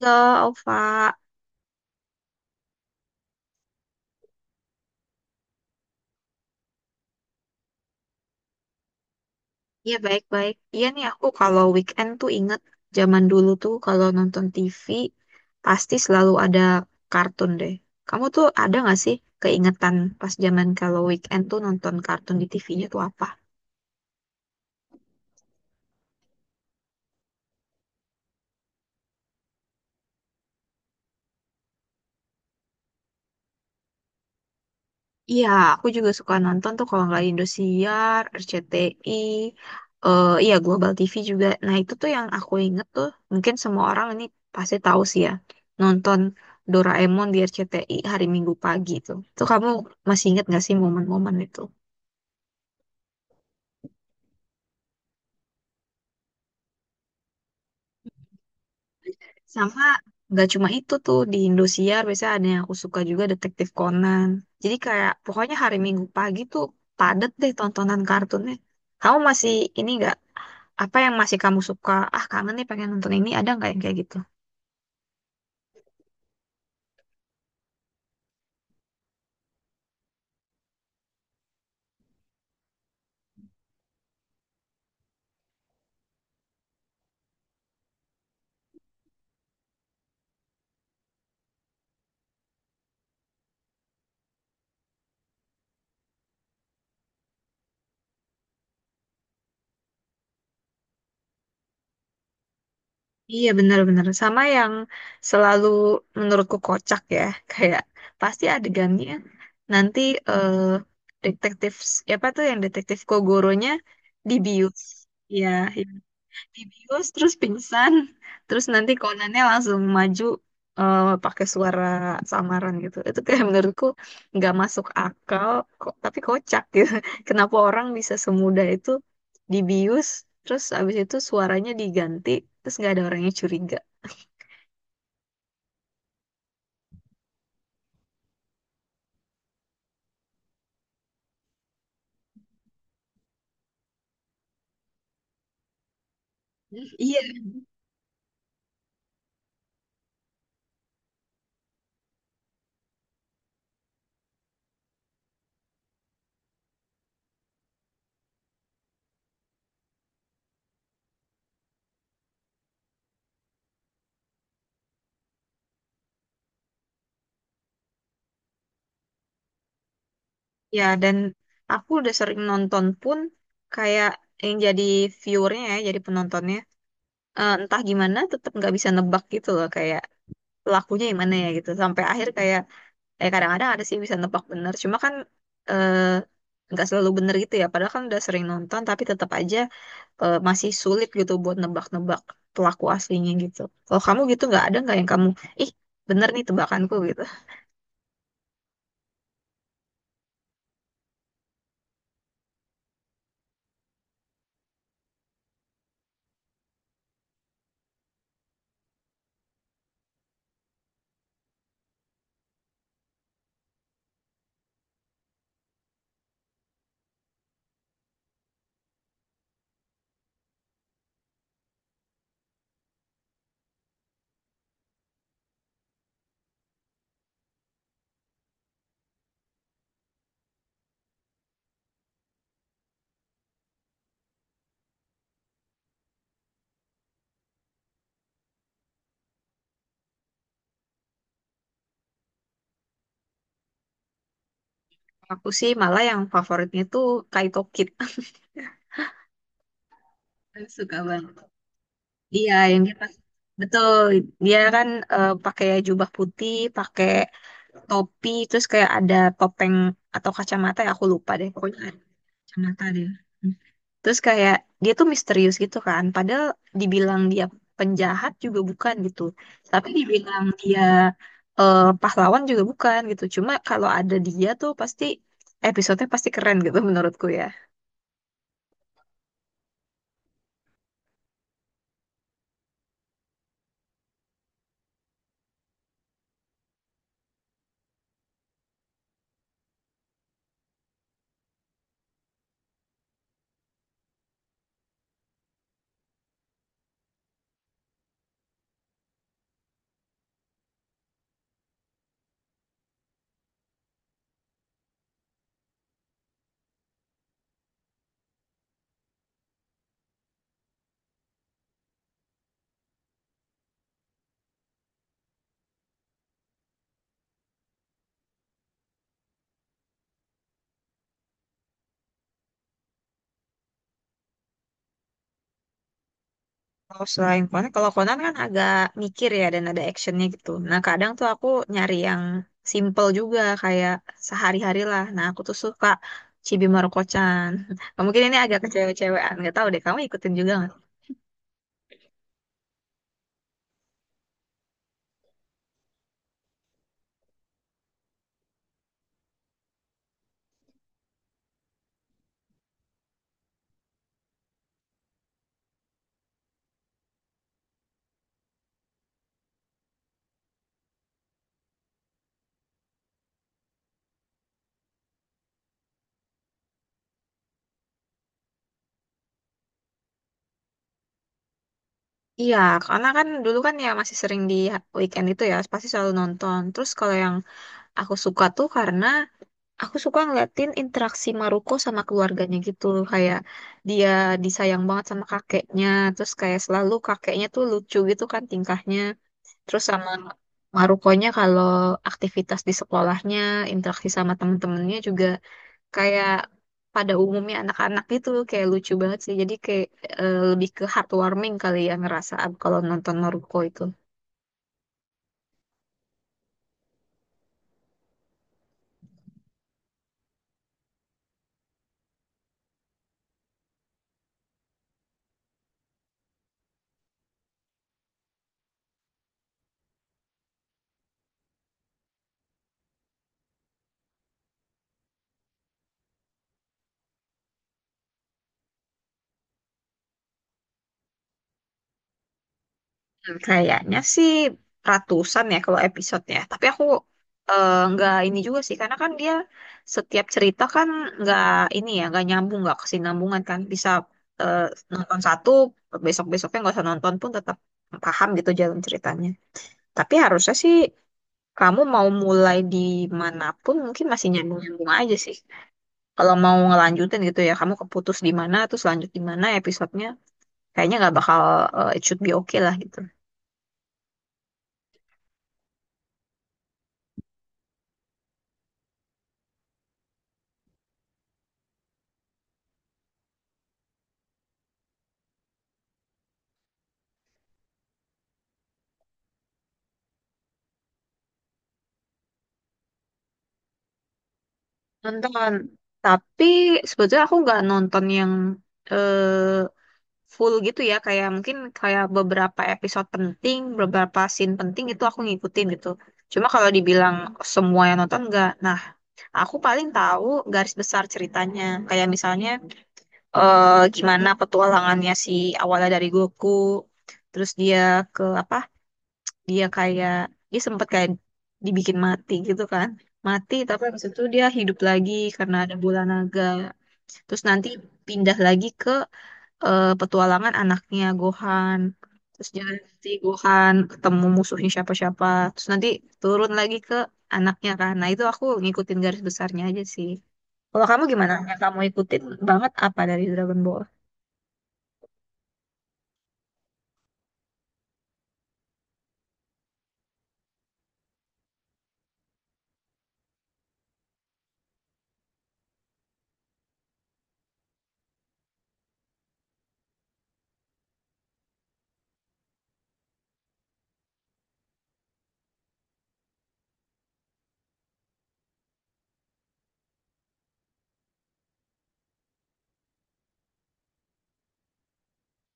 Halo, Alfa. Ya, baik-baik. Iya nih, aku kalau weekend tuh inget zaman dulu tuh kalau nonton TV pasti selalu ada kartun deh. Kamu tuh ada nggak sih keingetan pas zaman kalau weekend tuh nonton kartun di TV-nya tuh apa? Iya, aku juga suka nonton tuh kalau nggak Indosiar, RCTI, iya Global TV juga. Nah itu tuh yang aku inget tuh, mungkin semua orang ini pasti tahu sih ya, nonton Doraemon di RCTI hari Minggu pagi tuh. Tuh kamu masih inget nggak sih momen-momen itu? Sama nggak cuma itu tuh di Indosiar biasanya ada yang aku suka juga Detektif Conan. Jadi kayak pokoknya hari Minggu pagi tuh padet deh tontonan kartunnya. Kamu masih ini nggak, apa yang masih kamu suka? Ah, kangen nih pengen nonton ini. Ada nggak yang kayak gitu? Iya, benar-benar. Sama yang selalu menurutku kocak ya. Kayak pasti adegannya nanti eh detektif, siapa tuh yang detektif Kogoronya dibius. Iya, iya. Dibius terus pingsan, terus nanti konannya langsung maju, pakai suara samaran gitu itu kayak menurutku nggak masuk akal kok tapi kocak gitu. Kenapa orang bisa semudah itu dibius terus abis itu suaranya diganti terus nggak ada orangnya curiga. Iya, ya. Dan aku udah sering nonton pun kayak yang jadi viewernya ya, jadi penontonnya, entah gimana tetap nggak bisa nebak gitu loh, kayak pelakunya yang mana ya gitu sampai akhir. Kayak kadang-kadang ada sih bisa nebak bener, cuma kan eh, nggak selalu bener gitu ya, padahal kan udah sering nonton tapi tetap aja masih sulit gitu buat nebak-nebak pelaku aslinya gitu. Kalau kamu gitu nggak, ada nggak yang kamu ih bener nih tebakanku gitu? Aku sih malah yang favoritnya tuh Kaito Kid. Aku suka banget, iya, yang dia pas betul dia kan pakai jubah putih, pakai topi, terus kayak ada topeng atau kacamata ya, aku lupa deh, pokoknya ada kacamata dia. Terus kayak dia tuh misterius gitu kan. Padahal dibilang dia penjahat juga bukan gitu. Tapi dibilang dia pahlawan juga bukan gitu. Cuma kalau ada dia tuh pasti episodenya pasti keren gitu. Menurutku ya. Kalau selain Conan, kalau Conan kan agak mikir ya dan ada actionnya gitu. Nah kadang tuh aku nyari yang simple juga kayak sehari-hari lah. Nah aku tuh suka Chibi Maruko-chan. Mungkin ini agak kecewe-cewean, nggak tahu deh kamu ikutin juga. Iya, karena kan dulu kan ya masih sering di weekend itu ya, pasti selalu nonton. Terus kalau yang aku suka tuh karena aku suka ngeliatin interaksi Maruko sama keluarganya gitu. Kayak dia disayang banget sama kakeknya, terus kayak selalu kakeknya tuh lucu gitu kan tingkahnya. Terus sama Marukonya kalau aktivitas di sekolahnya, interaksi sama temen-temennya juga kayak pada umumnya anak-anak itu kayak lucu banget sih. Jadi kayak lebih ke heartwarming kali ya ngerasa ab- kalau nonton Naruto itu. Hmm, kayaknya sih ratusan ya kalau episodenya. Tapi aku nggak ini juga sih karena kan dia setiap cerita kan nggak ini ya, nggak nyambung, nggak kesinambungan, kan bisa eh, nonton satu besok-besoknya nggak usah nonton pun tetap paham gitu jalan ceritanya. Tapi harusnya sih kamu mau mulai di manapun mungkin masih nyambung-nyambung aja sih. Kalau mau ngelanjutin gitu ya, kamu keputus di mana terus lanjut di mana episodenya kayaknya nggak bakal it should be okay lah gitu. Nonton, tapi sebetulnya aku nggak nonton yang eh, full gitu ya, kayak mungkin kayak beberapa episode penting beberapa scene penting itu aku ngikutin gitu. Cuma kalau dibilang semua yang nonton nggak, nah aku paling tahu garis besar ceritanya kayak misalnya gimana petualangannya si awalnya dari Goku terus dia ke apa, dia kayak dia sempat kayak dibikin mati gitu kan, mati tapi habis itu dia hidup lagi karena ada bola naga. Terus nanti pindah lagi ke petualangan anaknya Gohan, terus dia nanti Gohan ketemu musuhnya siapa-siapa, terus nanti turun lagi ke anaknya kan, nah itu aku ngikutin garis besarnya aja sih. Kalau kamu gimana yang kamu ikutin banget apa dari Dragon Ball?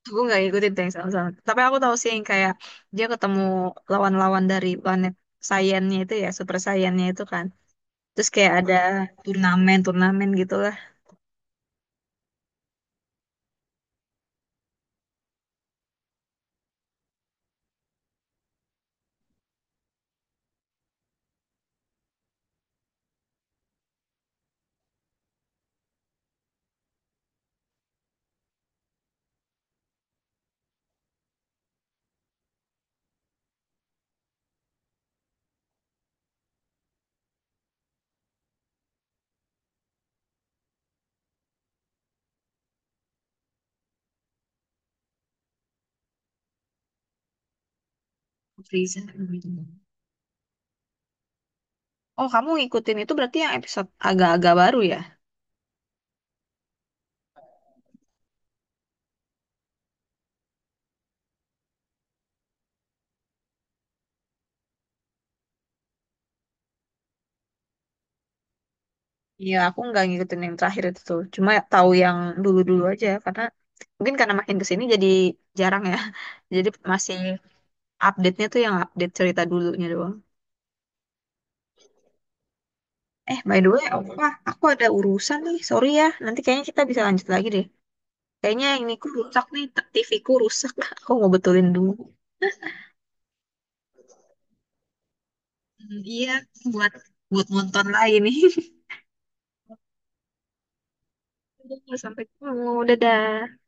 Aku nggak ngikutin tuh yang sama-sama. Tapi aku tahu sih yang kayak dia ketemu lawan-lawan dari planet saiannya itu ya, super saiannya itu kan. Terus kayak ada turnamen-turnamen gitulah. Freezer. Oh, kamu ngikutin itu berarti yang episode agak-agak baru ya? Iya, aku nggak ngikutin yang terakhir itu tuh. Cuma tahu yang dulu-dulu aja karena mungkin karena makin kesini jadi jarang ya. Jadi masih update-nya tuh yang update cerita dulunya doang. Eh, by the way, Opa, aku ada urusan nih. Sorry ya, nanti kayaknya kita bisa lanjut lagi deh. Kayaknya ini ku rusak nih, TV ku rusak. Aku mau betulin dulu. Hmm, iya, buat buat nonton lagi nih. Udah, sampai ketemu, dadah.